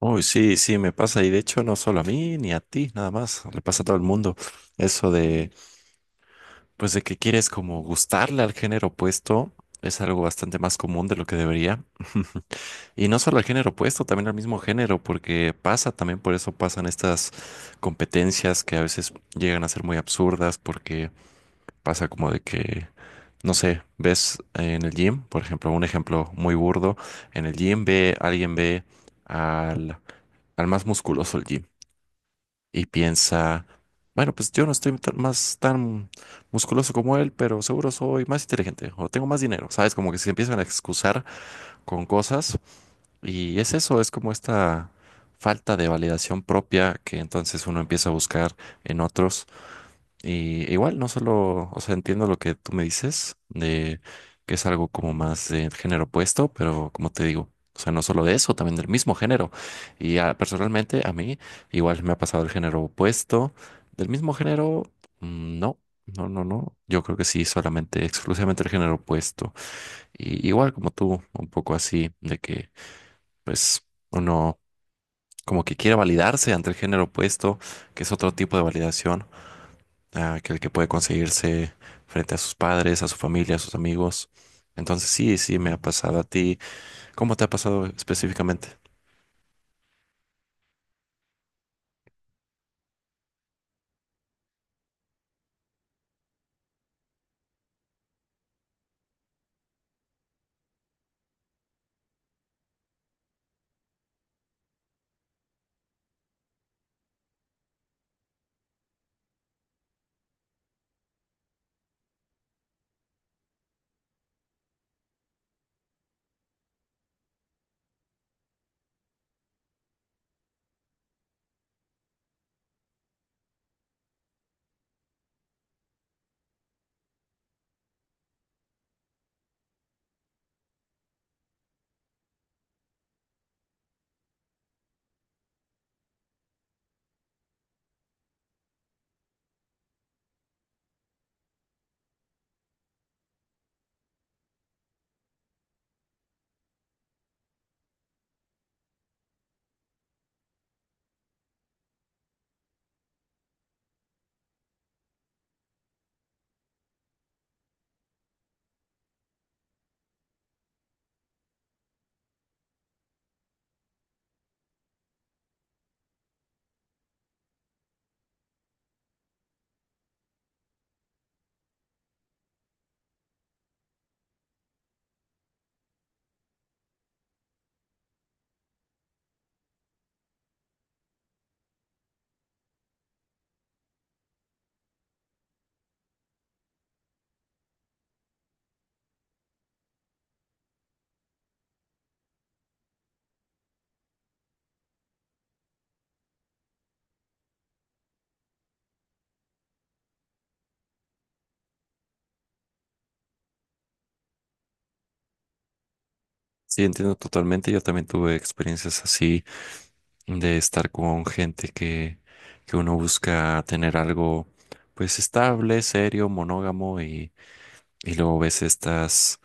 Uy, sí, sí, me pasa. Y de hecho, no solo a mí ni a ti, nada más. Le pasa a todo el mundo. Eso de, pues, de que quieres como gustarle al género opuesto es algo bastante más común de lo que debería. Y no solo al género opuesto, también al mismo género, porque pasa, también por eso pasan estas competencias que a veces llegan a ser muy absurdas, porque pasa como de que, no sé, ves en el gym, por ejemplo, un ejemplo muy burdo, en el gym ve, alguien ve al, al más musculoso el gym. Y piensa, bueno, pues yo no estoy más tan musculoso como él, pero seguro soy más inteligente o tengo más dinero, ¿sabes? Como que se empiezan a excusar con cosas y es eso, es como esta falta de validación propia que entonces uno empieza a buscar en otros y e igual, no solo, o sea, entiendo lo que tú me dices, de que es algo como más de género opuesto, pero como te digo, o sea, no solo de eso, también del mismo género. Y ah, personalmente, a mí, igual me ha pasado el género opuesto. Del mismo género, no, no, no, no. Yo creo que sí, solamente, exclusivamente el género opuesto. Y igual como tú, un poco así, de que, pues, uno como que quiere validarse ante el género opuesto, que es otro tipo de validación ah, aquel que puede conseguirse frente a sus padres, a su familia, a sus amigos. Entonces sí, sí, me ha pasado a ti. ¿Cómo te ha pasado específicamente? Sí, entiendo totalmente. Yo también tuve experiencias así de estar con gente que uno busca tener algo pues estable, serio, monógamo y luego ves estas,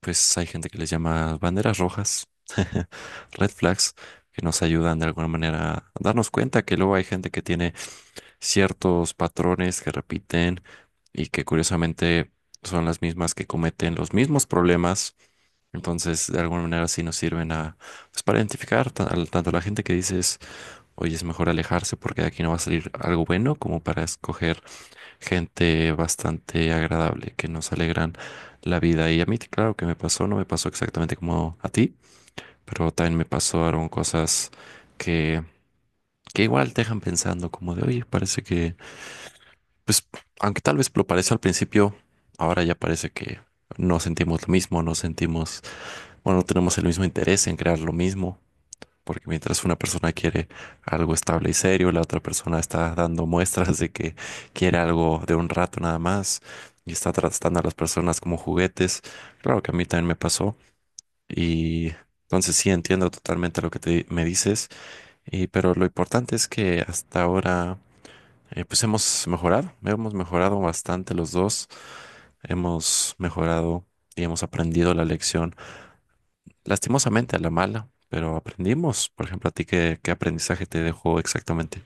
pues hay gente que les llama banderas rojas, red flags, que nos ayudan de alguna manera a darnos cuenta que luego hay gente que tiene ciertos patrones que repiten y que curiosamente son las mismas que cometen los mismos problemas. Entonces, de alguna manera sí nos sirven a, pues, para identificar tanto a la gente que dices, oye, es mejor alejarse porque de aquí no va a salir algo bueno, como para escoger gente bastante agradable que nos alegran la vida. Y a mí, claro que me pasó, no me pasó exactamente como a ti, pero también me pasaron cosas que, que igual te dejan pensando como de, oye, parece que pues, aunque tal vez lo pareció al principio, ahora ya parece que no sentimos lo mismo, no sentimos, bueno, no tenemos el mismo interés en crear lo mismo, porque mientras una persona quiere algo estable y serio, la otra persona está dando muestras de que quiere algo de un rato nada más y está tratando a las personas como juguetes. Claro que a mí también me pasó y entonces sí entiendo totalmente lo que me dices, y, pero lo importante es que hasta ahora pues hemos mejorado bastante los dos, hemos mejorado y hemos aprendido la lección, lastimosamente a la mala, pero aprendimos. Por ejemplo, a ti, ¿qué, qué aprendizaje te dejó exactamente?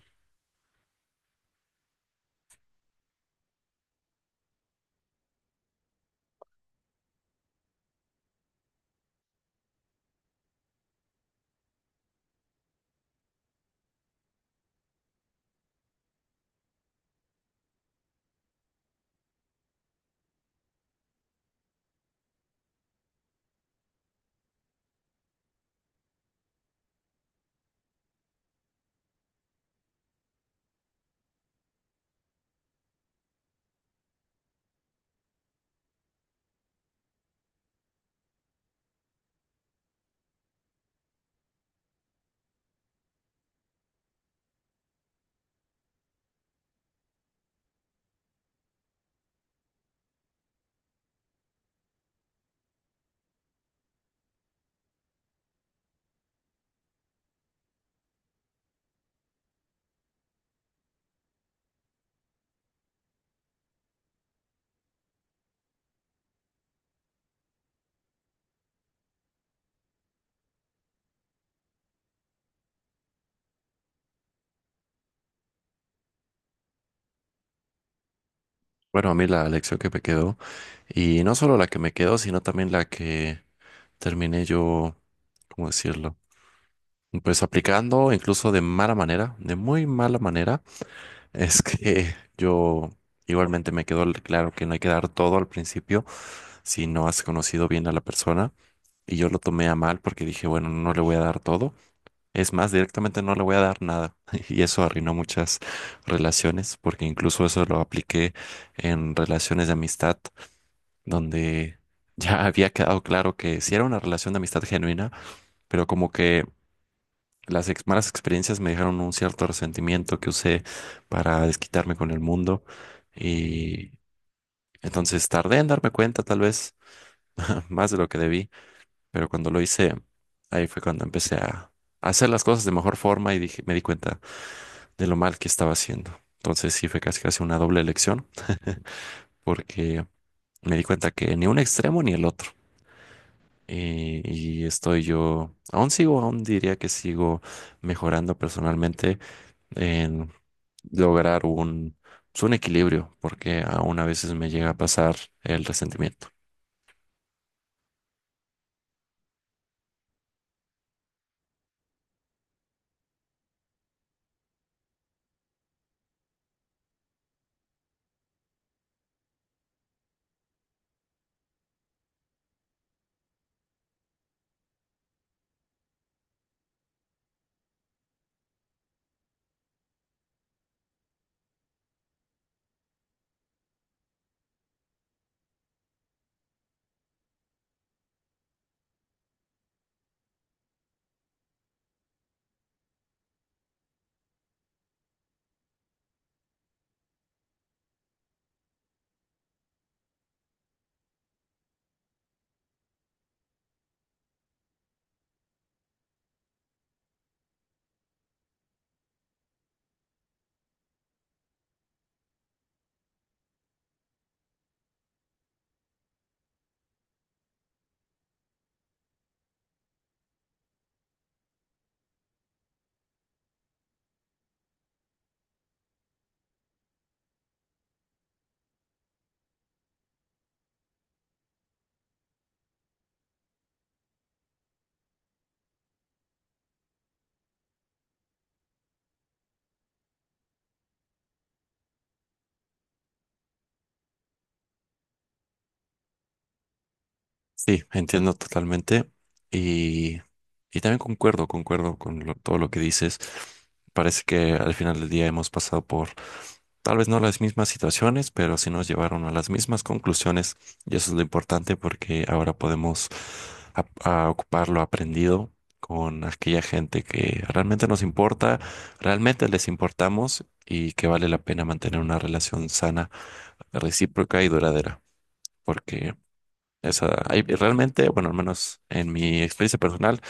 Bueno, a mí la lección que me quedó, y no solo la que me quedó, sino también la que terminé yo, ¿cómo decirlo? Pues aplicando incluso de mala manera, de muy mala manera, es que yo igualmente me quedó claro que no hay que dar todo al principio si no has conocido bien a la persona. Y yo lo tomé a mal porque dije, bueno, no le voy a dar todo. Es más, directamente no le voy a dar nada. Y eso arruinó muchas relaciones, porque incluso eso lo apliqué en relaciones de amistad, donde ya había quedado claro que sí era una relación de amistad genuina, pero como que las malas experiencias me dejaron un cierto resentimiento que usé para desquitarme con el mundo. Y entonces tardé en darme cuenta, tal vez más de lo que debí. Pero cuando lo hice, ahí fue cuando empecé a hacer las cosas de mejor forma y dije, me di cuenta de lo mal que estaba haciendo. Entonces sí fue casi casi una doble elección porque me di cuenta que ni un extremo ni el otro. Y, y estoy yo, aún sigo, aún diría que sigo mejorando personalmente en lograr un, pues, un equilibrio, porque aún a veces me llega a pasar el resentimiento. Sí, entiendo totalmente y, y también concuerdo, concuerdo con todo lo que dices. Parece que al final del día hemos pasado por tal vez no las mismas situaciones, pero sí nos llevaron a las mismas conclusiones y eso es lo importante porque ahora podemos a ocupar lo aprendido con aquella gente que realmente nos importa, realmente les importamos y que vale la pena mantener una relación sana, recíproca y duradera. Porque esa, hay realmente, bueno, al menos en mi experiencia personal,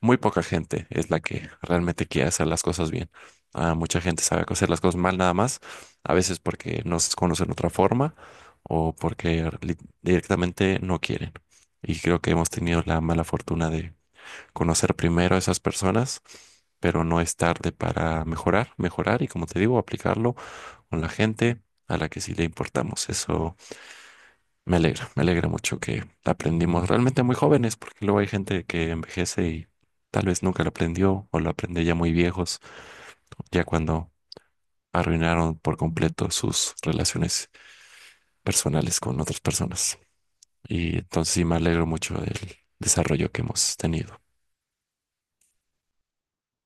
muy poca gente es la que realmente quiere hacer las cosas bien. Ah, mucha gente sabe hacer las cosas mal nada más, a veces porque no se conocen otra forma o porque directamente no quieren. Y creo que hemos tenido la mala fortuna de conocer primero a esas personas, pero no es tarde para mejorar, mejorar y como te digo, aplicarlo con la gente a la que sí le importamos. Eso me alegra mucho que la aprendimos realmente muy jóvenes, porque luego hay gente que envejece y tal vez nunca lo aprendió o lo aprende ya muy viejos, ya cuando arruinaron por completo sus relaciones personales con otras personas. Y entonces sí me alegro mucho del desarrollo que hemos tenido.